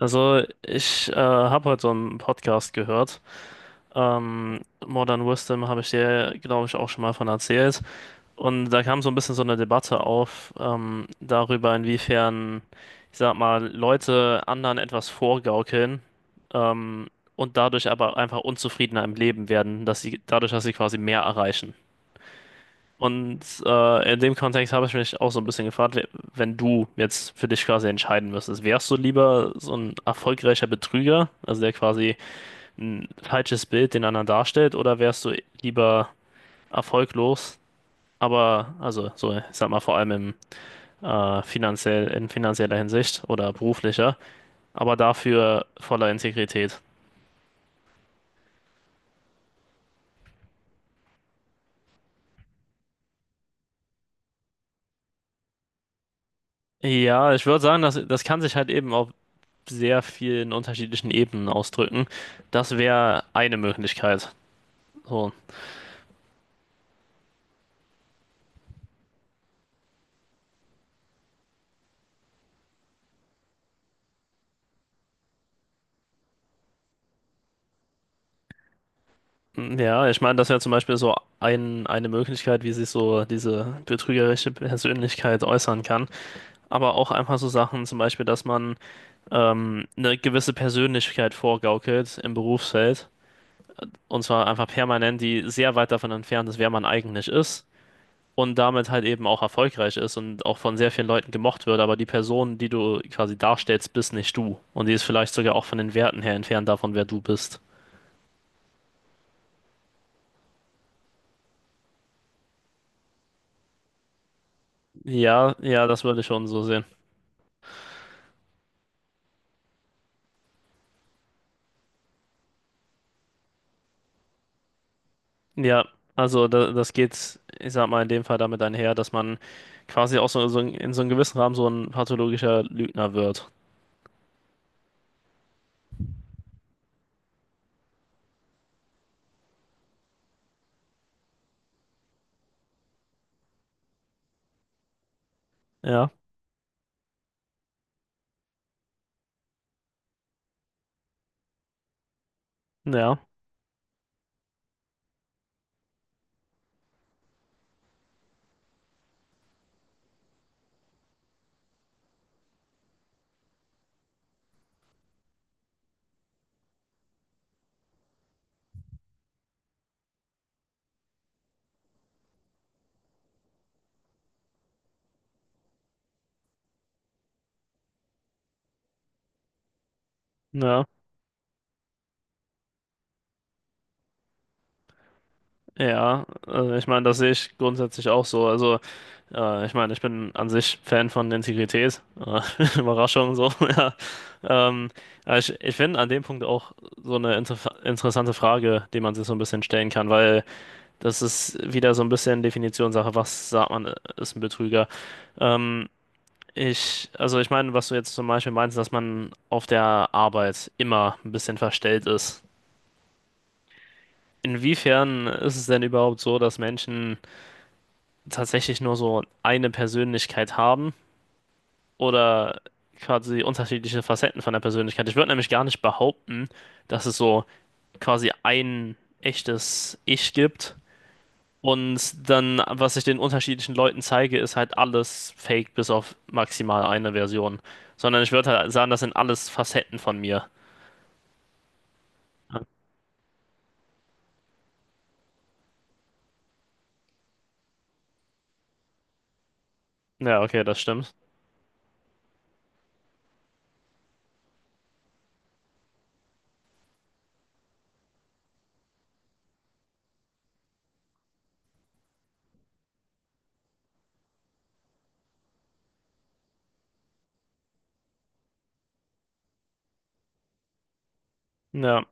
Also, ich habe heute so einen Podcast gehört. Ähm, Modern Wisdom habe ich dir, glaube ich, auch schon mal von erzählt. Und da kam so ein bisschen so eine Debatte auf, darüber, inwiefern, ich sag mal, Leute anderen etwas vorgaukeln, ähm, und dadurch aber einfach unzufriedener im Leben werden, dass sie dadurch, dass sie quasi mehr erreichen. Und in dem Kontext habe ich mich auch so ein bisschen gefragt, wenn du jetzt für dich quasi entscheiden müsstest, wärst du lieber so ein erfolgreicher Betrüger, also der quasi ein falsches Bild den anderen darstellt, oder wärst du lieber erfolglos, aber, also so, ich sag mal, vor allem finanziell, in finanzieller Hinsicht oder beruflicher, aber dafür voller Integrität? Ja, ich würde sagen, das kann sich halt eben auf sehr vielen unterschiedlichen Ebenen ausdrücken. Das wäre eine Möglichkeit. So. Ja, ich meine, das wäre zum Beispiel so eine Möglichkeit, wie sich so diese betrügerische Persönlichkeit äußern kann. Aber auch einfach so Sachen, zum Beispiel, dass man eine gewisse Persönlichkeit vorgaukelt im Berufsfeld. Und zwar einfach permanent, die sehr weit davon entfernt ist, wer man eigentlich ist. Und damit halt eben auch erfolgreich ist und auch von sehr vielen Leuten gemocht wird. Aber die Person, die du quasi darstellst, bist nicht du. Und die ist vielleicht sogar auch von den Werten her entfernt davon, wer du bist. Ja, ja, das würde ich schon so sehen. Ja, also da, das geht, ich sag mal, in dem Fall damit einher, dass man quasi auch so, so in so einem gewissen Rahmen so ein pathologischer Lügner wird. Ja, ja, ja, ja. Also ich meine, das sehe ich grundsätzlich auch so. Also, ich meine, ich bin an sich Fan von Integrität. Überraschung so, ja. Ähm, aber ich finde an dem Punkt auch so eine interessante Frage, die man sich so ein bisschen stellen kann, weil das ist wieder so ein bisschen Definitionssache, was sagt man, ist ein Betrüger? Ähm, Ich, also ich meine, was du jetzt zum Beispiel meinst, dass man auf der Arbeit immer ein bisschen verstellt ist. Inwiefern ist es denn überhaupt so, dass Menschen tatsächlich nur so eine Persönlichkeit haben oder quasi unterschiedliche Facetten von der Persönlichkeit? Ich würde nämlich gar nicht behaupten, dass es so quasi ein echtes Ich gibt. Und dann, was ich den unterschiedlichen Leuten zeige, ist halt alles fake bis auf maximal eine Version. Sondern ich würde halt sagen, das sind alles Facetten von mir. Ja, okay, das stimmt. Ja,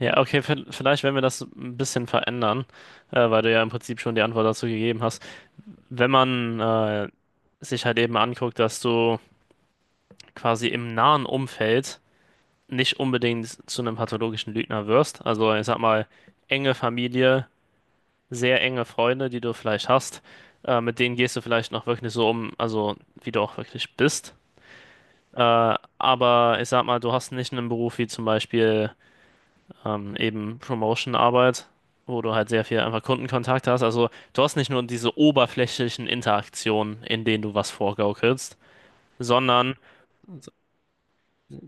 ja, okay, vielleicht wenn wir das ein bisschen verändern, weil du ja im Prinzip schon die Antwort dazu gegeben hast. Wenn man sich halt eben anguckt, dass du quasi im nahen Umfeld nicht unbedingt zu einem pathologischen Lügner wirst, also ich sag mal, enge Familie, sehr enge Freunde, die du vielleicht hast, mit denen gehst du vielleicht noch wirklich so um, also wie du auch wirklich bist. Äh, aber ich sag mal, du hast nicht einen Beruf wie zum Beispiel. Eben Promotion-Arbeit, wo du halt sehr viel einfach Kundenkontakt hast. Also du hast nicht nur diese oberflächlichen Interaktionen, in denen du was vorgaukelst, sondern s-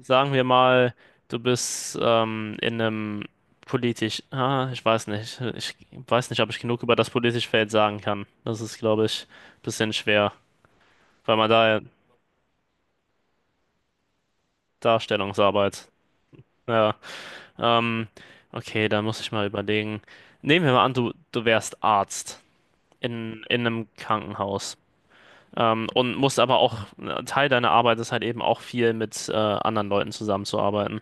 sagen wir mal, du bist in einem ich weiß nicht, ob ich genug über das politische Feld sagen kann. Das ist, glaube ich, ein bisschen schwer, weil man da ja Darstellungsarbeit, ja, ähm, okay, da muss ich mal überlegen. Nehmen wir mal an, du wärst Arzt. In einem Krankenhaus. Und musst aber auch, Teil deiner Arbeit ist halt eben auch viel mit anderen Leuten zusammenzuarbeiten.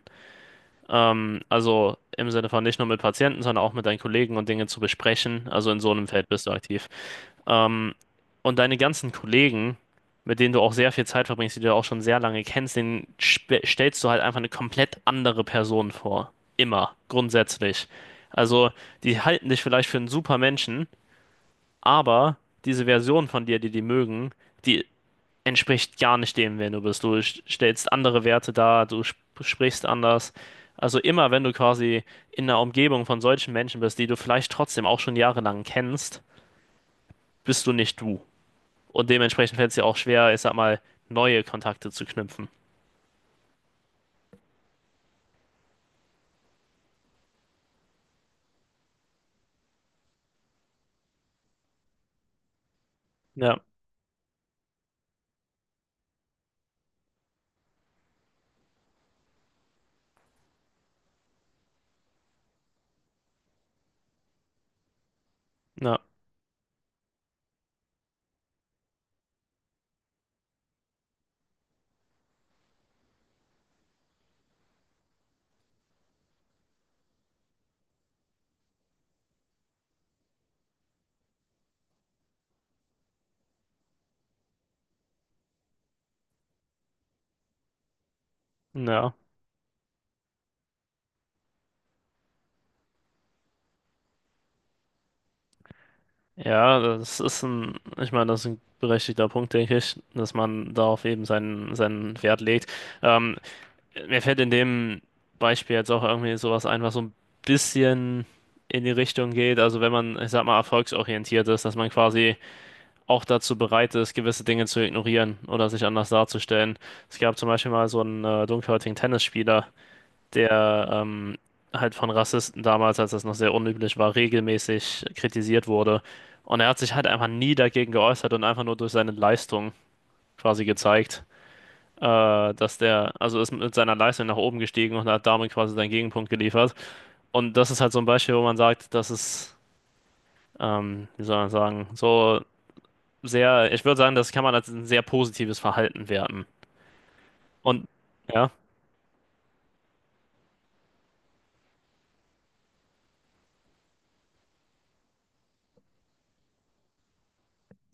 Also im Sinne von nicht nur mit Patienten, sondern auch mit deinen Kollegen und Dinge zu besprechen. Also in so einem Feld bist du aktiv. Ähm, und deine ganzen Kollegen, mit denen du auch sehr viel Zeit verbringst, die du ja auch schon sehr lange kennst, denen stellst du halt einfach eine komplett andere Person vor. Immer, grundsätzlich. Also die halten dich vielleicht für einen super Menschen, aber diese Version von dir, die die mögen, die entspricht gar nicht dem, wer du bist. Du stellst andere Werte dar, du sp sprichst anders. Also immer, wenn du quasi in einer Umgebung von solchen Menschen bist, die du vielleicht trotzdem auch schon jahrelang kennst, bist du nicht du. Und dementsprechend fällt es dir auch schwer, ich sag mal, neue Kontakte zu knüpfen. Ja, ja, ja. Ja, das ist ein, ich meine, das ist ein berechtigter Punkt, denke ich, dass man darauf eben seinen Wert legt. Ähm, Mir fällt in dem Beispiel jetzt auch irgendwie sowas ein, was so ein bisschen in die Richtung geht. Also wenn man, ich sag mal, erfolgsorientiert ist, dass man quasi auch dazu bereit ist, gewisse Dinge zu ignorieren oder sich anders darzustellen. Es gab zum Beispiel mal so einen dunkelhäutigen Tennisspieler, der halt von Rassisten damals, als das noch sehr unüblich war, regelmäßig kritisiert wurde. Und er hat sich halt einfach nie dagegen geäußert und einfach nur durch seine Leistung quasi gezeigt dass der, also ist mit seiner Leistung nach oben gestiegen und hat damit quasi seinen Gegenpunkt geliefert. Und das ist halt so ein Beispiel, wo man sagt, das ist, wie soll man sagen, so sehr, ich würde sagen, das kann man als ein sehr positives Verhalten werten. Und ja,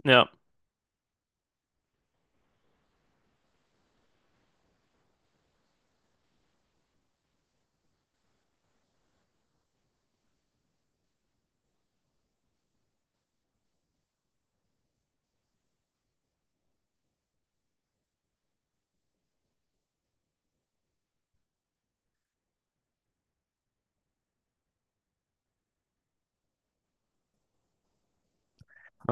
ja.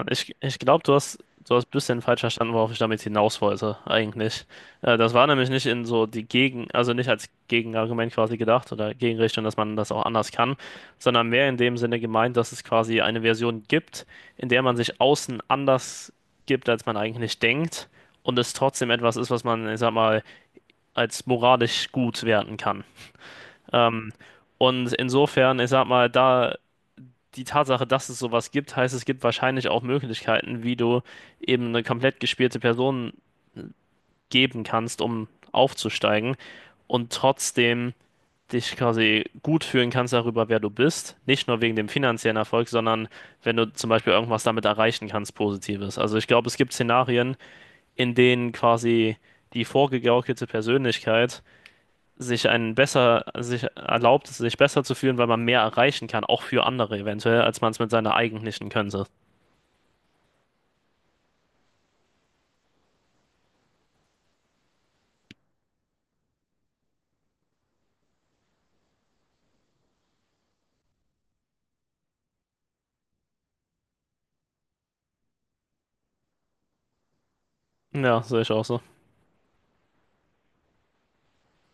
Ich glaube, du hast ein bisschen falsch verstanden, worauf ich damit hinaus wollte, eigentlich. Das war nämlich nicht in so die Gegen, also nicht als Gegenargument quasi gedacht oder Gegenrichtung, dass man das auch anders kann, sondern mehr in dem Sinne gemeint, dass es quasi eine Version gibt, in der man sich außen anders gibt, als man eigentlich denkt und es trotzdem etwas ist, was man, ich sag mal, als moralisch gut werten kann. Ähm, und insofern, ich sag mal, da die Tatsache, dass es sowas gibt, heißt, es gibt wahrscheinlich auch Möglichkeiten, wie du eben eine komplett gespielte Person geben kannst, um aufzusteigen und trotzdem dich quasi gut fühlen kannst darüber, wer du bist. Nicht nur wegen dem finanziellen Erfolg, sondern wenn du zum Beispiel irgendwas damit erreichen kannst, Positives. Also ich glaube, es gibt Szenarien, in denen quasi die vorgegaukelte Persönlichkeit sich einen besser, sich erlaubt, sich besser zu fühlen, weil man mehr erreichen kann, auch für andere eventuell, als man es mit seiner eigentlichen Könnte. Ja, sehe ich auch so.